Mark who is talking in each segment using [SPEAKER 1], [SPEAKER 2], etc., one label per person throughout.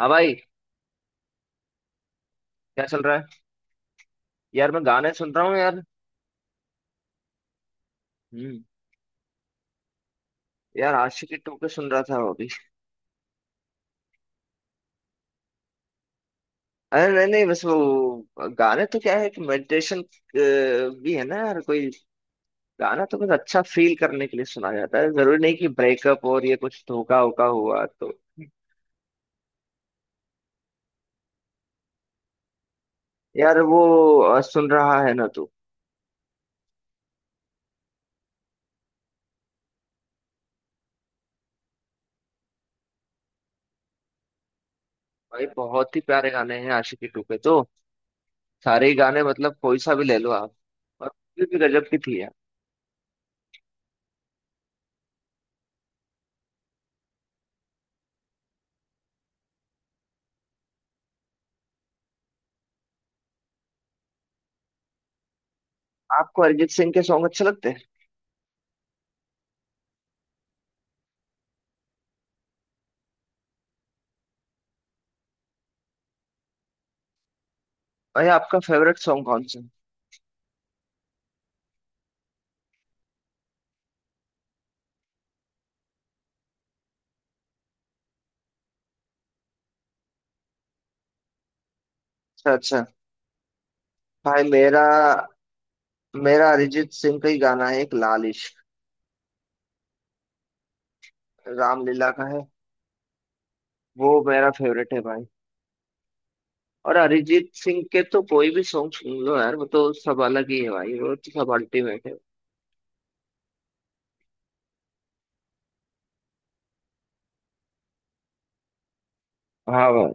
[SPEAKER 1] हाँ भाई। क्या चल रहा है? यार मैं गाने सुन रहा हूँ यार। हम्म। यार आशिकी 2 के सुन रहा था अभी। अरे नहीं नहीं बस वो गाने तो क्या है कि मेडिटेशन भी है ना यार, कोई गाना तो कुछ अच्छा फील करने के लिए सुना जाता है, जरूरी नहीं कि ब्रेकअप और ये कुछ धोखा वोखा हुआ तो। यार वो सुन रहा है ना तू। भाई बहुत ही प्यारे गाने हैं आशिकी 2 के तो। सारे ही गाने मतलब कोई सा भी ले लो आप। और फिर भी गजब की थी यार। आपको अरिजीत सिंह के सॉन्ग अच्छे लगते हैं? भाई आपका फेवरेट सॉन्ग कौन सा है? अच्छा अच्छा। भाई मेरा मेरा अरिजीत सिंह का ही गाना है, एक लाल इश्क, रामलीला का है। वो मेरा फेवरेट है भाई। और अरिजीत सिंह के तो कोई भी सॉन्ग सुन लो यार, वो तो सब अलग ही है भाई, वो तो सब अल्टीमेट है। हाँ भाई।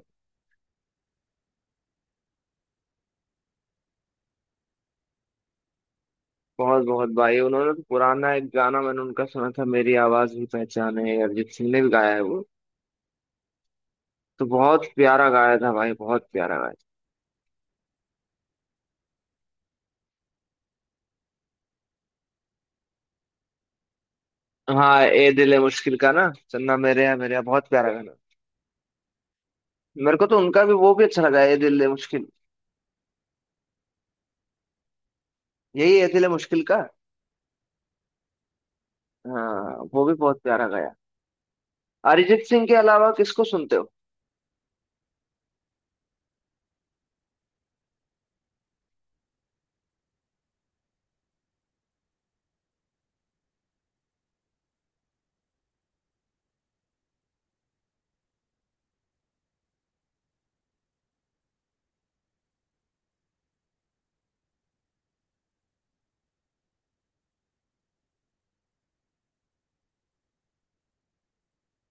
[SPEAKER 1] बहुत बहुत भाई, उन्होंने तो पुराना एक गाना मैंने उनका सुना था, मेरी आवाज भी पहचान है, अरिजीत सिंह ने भी गाया है वो, तो बहुत प्यारा गाया था भाई, बहुत प्यारा गाया था। हाँ, ए दिल है मुश्किल का ना, चन्ना मेरे या मेरे यहाँ, बहुत प्यारा गाना। मेरे को तो उनका भी वो भी अच्छा लगा, ए दिल है मुश्किल। यही ए दिल है मुश्किल का। हाँ, वो भी बहुत प्यारा गाया। अरिजीत सिंह के अलावा किसको सुनते हो?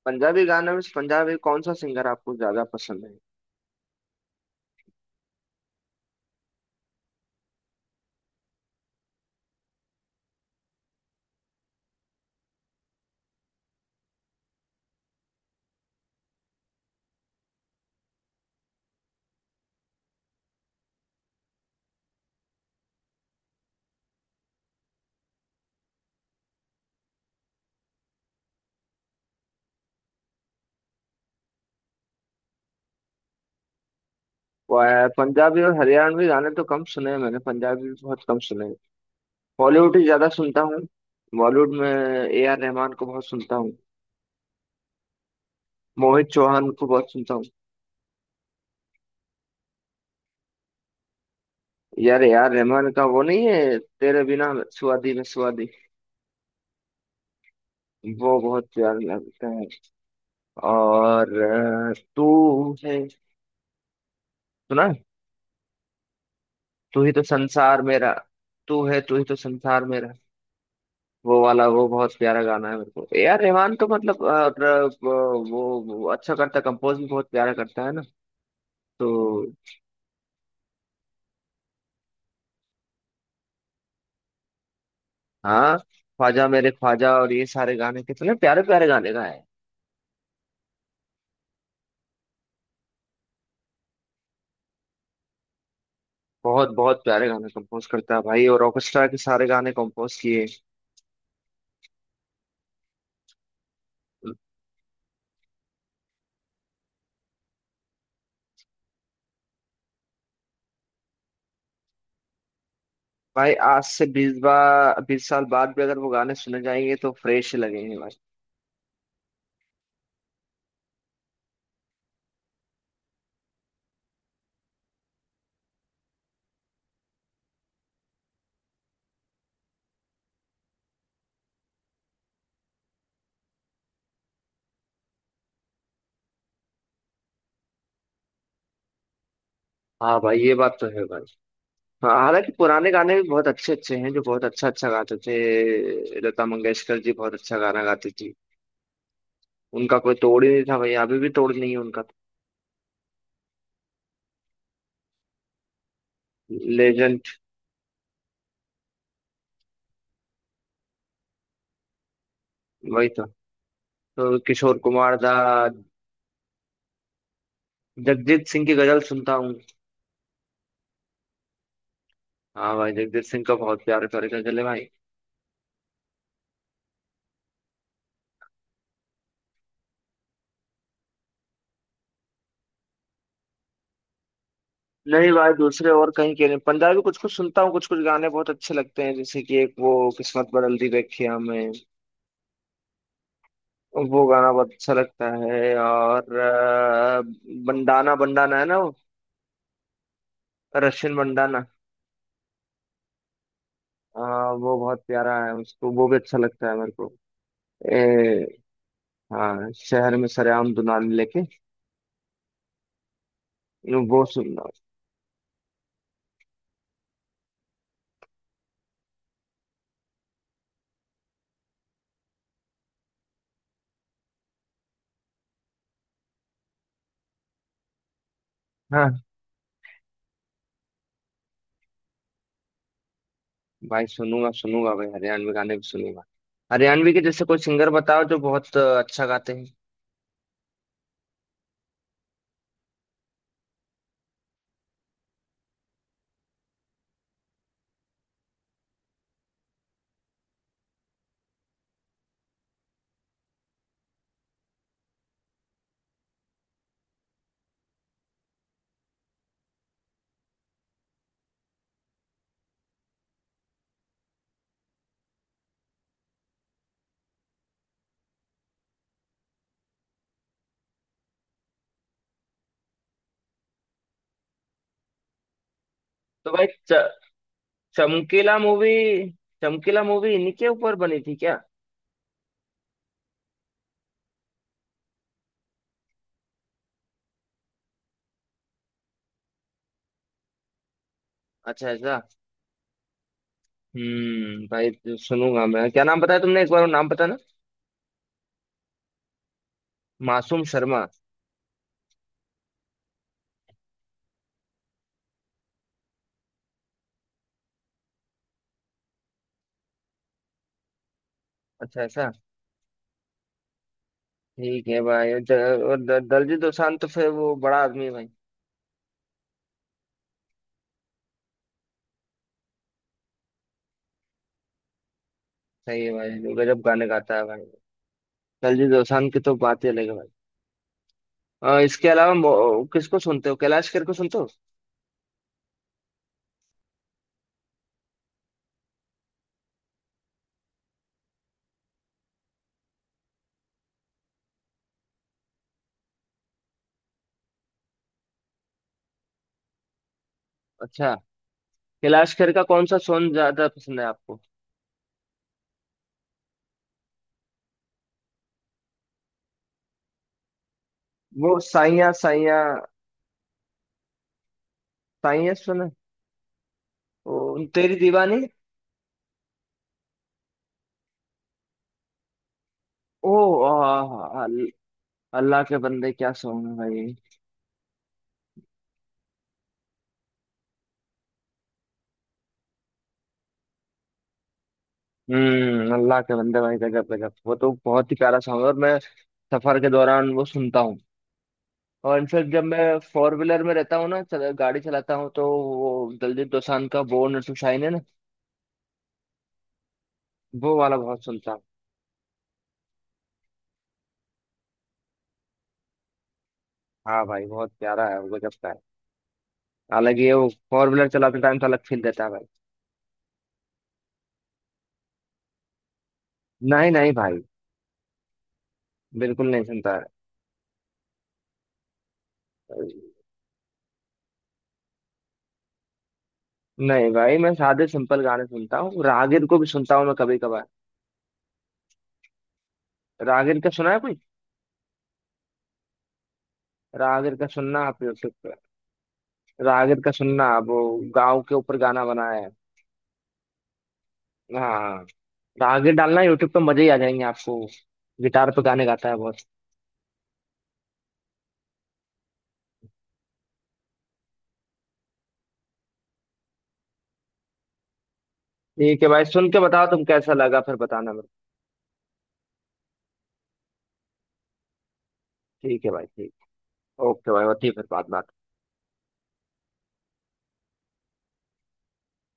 [SPEAKER 1] पंजाबी गाने में से पंजाबी कौन सा सिंगर आपको ज्यादा पसंद है? पंजाबी और हरियाणवी गाने तो कम सुने हैं मैंने, पंजाबी भी बहुत कम सुने हैं। बॉलीवुड ही ज्यादा सुनता हूँ। बॉलीवुड में ए आर रहमान को बहुत सुनता हूँ। मोहित चौहान को बहुत सुनता हूँ। यार ए आर रहमान का, वो नहीं है तेरे बिना, सुआदी में सुआदी। वो बहुत प्यारा लगता है। और तू है, सुना? तू ही तो संसार मेरा, तू है तू ही तो संसार मेरा। वो वाला वो बहुत प्यारा गाना है मेरे को। ए आर रहमान तो मतलब वो अच्छा करता है, कंपोज भी बहुत प्यारा करता है ना। तो हाँ, ख्वाजा मेरे ख्वाजा, और ये सारे गाने कितने प्यारे प्यारे गाने गाए हैं। बहुत बहुत प्यारे गाने कंपोज करता है भाई, और ऑर्केस्ट्रा के सारे गाने कंपोज किए। भाई आज से 20 बार 20 साल बाद भी अगर वो गाने सुने जाएंगे तो फ्रेश लगेंगे भाई। हाँ भाई ये बात तो है भाई। हाँ हालांकि पुराने गाने भी बहुत अच्छे अच्छे हैं, जो बहुत अच्छा अच्छा गाते थे, लता मंगेशकर जी बहुत अच्छा गाना गाती थी। उनका कोई तोड़ ही नहीं था भाई, अभी भी तोड़ नहीं है उनका। लेजेंड वही था। तो किशोर कुमार दा, जगजीत सिंह की गजल सुनता हूँ। हाँ भाई, जगजीत सिंह का बहुत प्यारे प्यारे गजल है भाई। नहीं भाई, दूसरे और कहीं के नहीं, पंजाबी कुछ कुछ सुनता हूँ। कुछ कुछ गाने बहुत अच्छे लगते हैं, जैसे कि एक वो किस्मत बदल दी देखी हमें। वो गाना बहुत अच्छा लगता है। और बंडाना, बंडाना है ना, रशियन बंडाना। वो बहुत प्यारा है उसको, वो भी अच्छा लगता है मेरे को। ए, हाँ, शहर में सरेआम दुनाने लेके यूं, वो सुनना। हाँ भाई, सुनूंगा सुनूंगा भाई, हरियाणवी गाने भी सुनूंगा। हरियाणवी के जैसे कोई सिंगर बताओ जो बहुत अच्छा गाते हैं। तो भाई चमकीला मूवी, चमकीला मूवी इन्हीं के ऊपर बनी थी क्या? अच्छा ऐसा। भाई, सुनूंगा मैं। क्या नाम बताया तुमने, एक बार वो नाम बताना। मासूम शर्मा। अच्छा ऐसा। ठीक है भाई। और दलजीत दोसांझ तो फिर वो बड़ा आदमी है भाई। सही है भाई, वो गजब गाने गाता है भाई। दलजीत दोसांझ की तो बात ही अलग है भाई। इसके अलावा किसको सुनते हो, कैलाश खेर को सुनते हो? अच्छा। कैलाश खेर का कौन सा सॉन्ग ज्यादा पसंद है आपको? वो साइया साइया, साइया सुना? ओ, तेरी दीवानी। ओ आ, अल- अल्लाह के बंदे क्या सॉन्ग है भाई। हम्म, अल्लाह के बंदे भाई, गजब गजब, वो तो बहुत ही प्यारा सॉन्ग है, और मैं सफर के दौरान वो सुनता हूँ। और इनफेक्ट जब मैं फोर व्हीलर में रहता हूँ ना, गाड़ी चलाता हूँ, तो वो दलजीत दोसांझ का बोर्न टू शाइन है ना, वो वाला बहुत सुनता हूँ। हाँ भाई, बहुत प्यारा है वो, गजब का है। हालांकि ये, वो फोर व्हीलर चलाते टाइम तो अलग फील देता है भाई। नहीं नहीं भाई, बिल्कुल नहीं सुनता है। नहीं भाई, मैं सादे सिंपल गाने सुनता हूँ, रागिर को भी सुनता हूँ मैं कभी कभार। रागिर का सुना है कोई? रागिर का सुनना आप यूट्यूब पे। रागिर का सुनना, वो गाँव के ऊपर गाना बनाया है। हाँ हाँ। आगे डालना यूट्यूब पे, मजे ही आ जाएंगे आपको। गिटार पे गाने गाता है बहुत। ठीक है भाई, सुन के बताओ तुम कैसा लगा, फिर बताना मेरे को। ठीक है भाई, ठीक। ओके भाई, होती है फिर बात बात।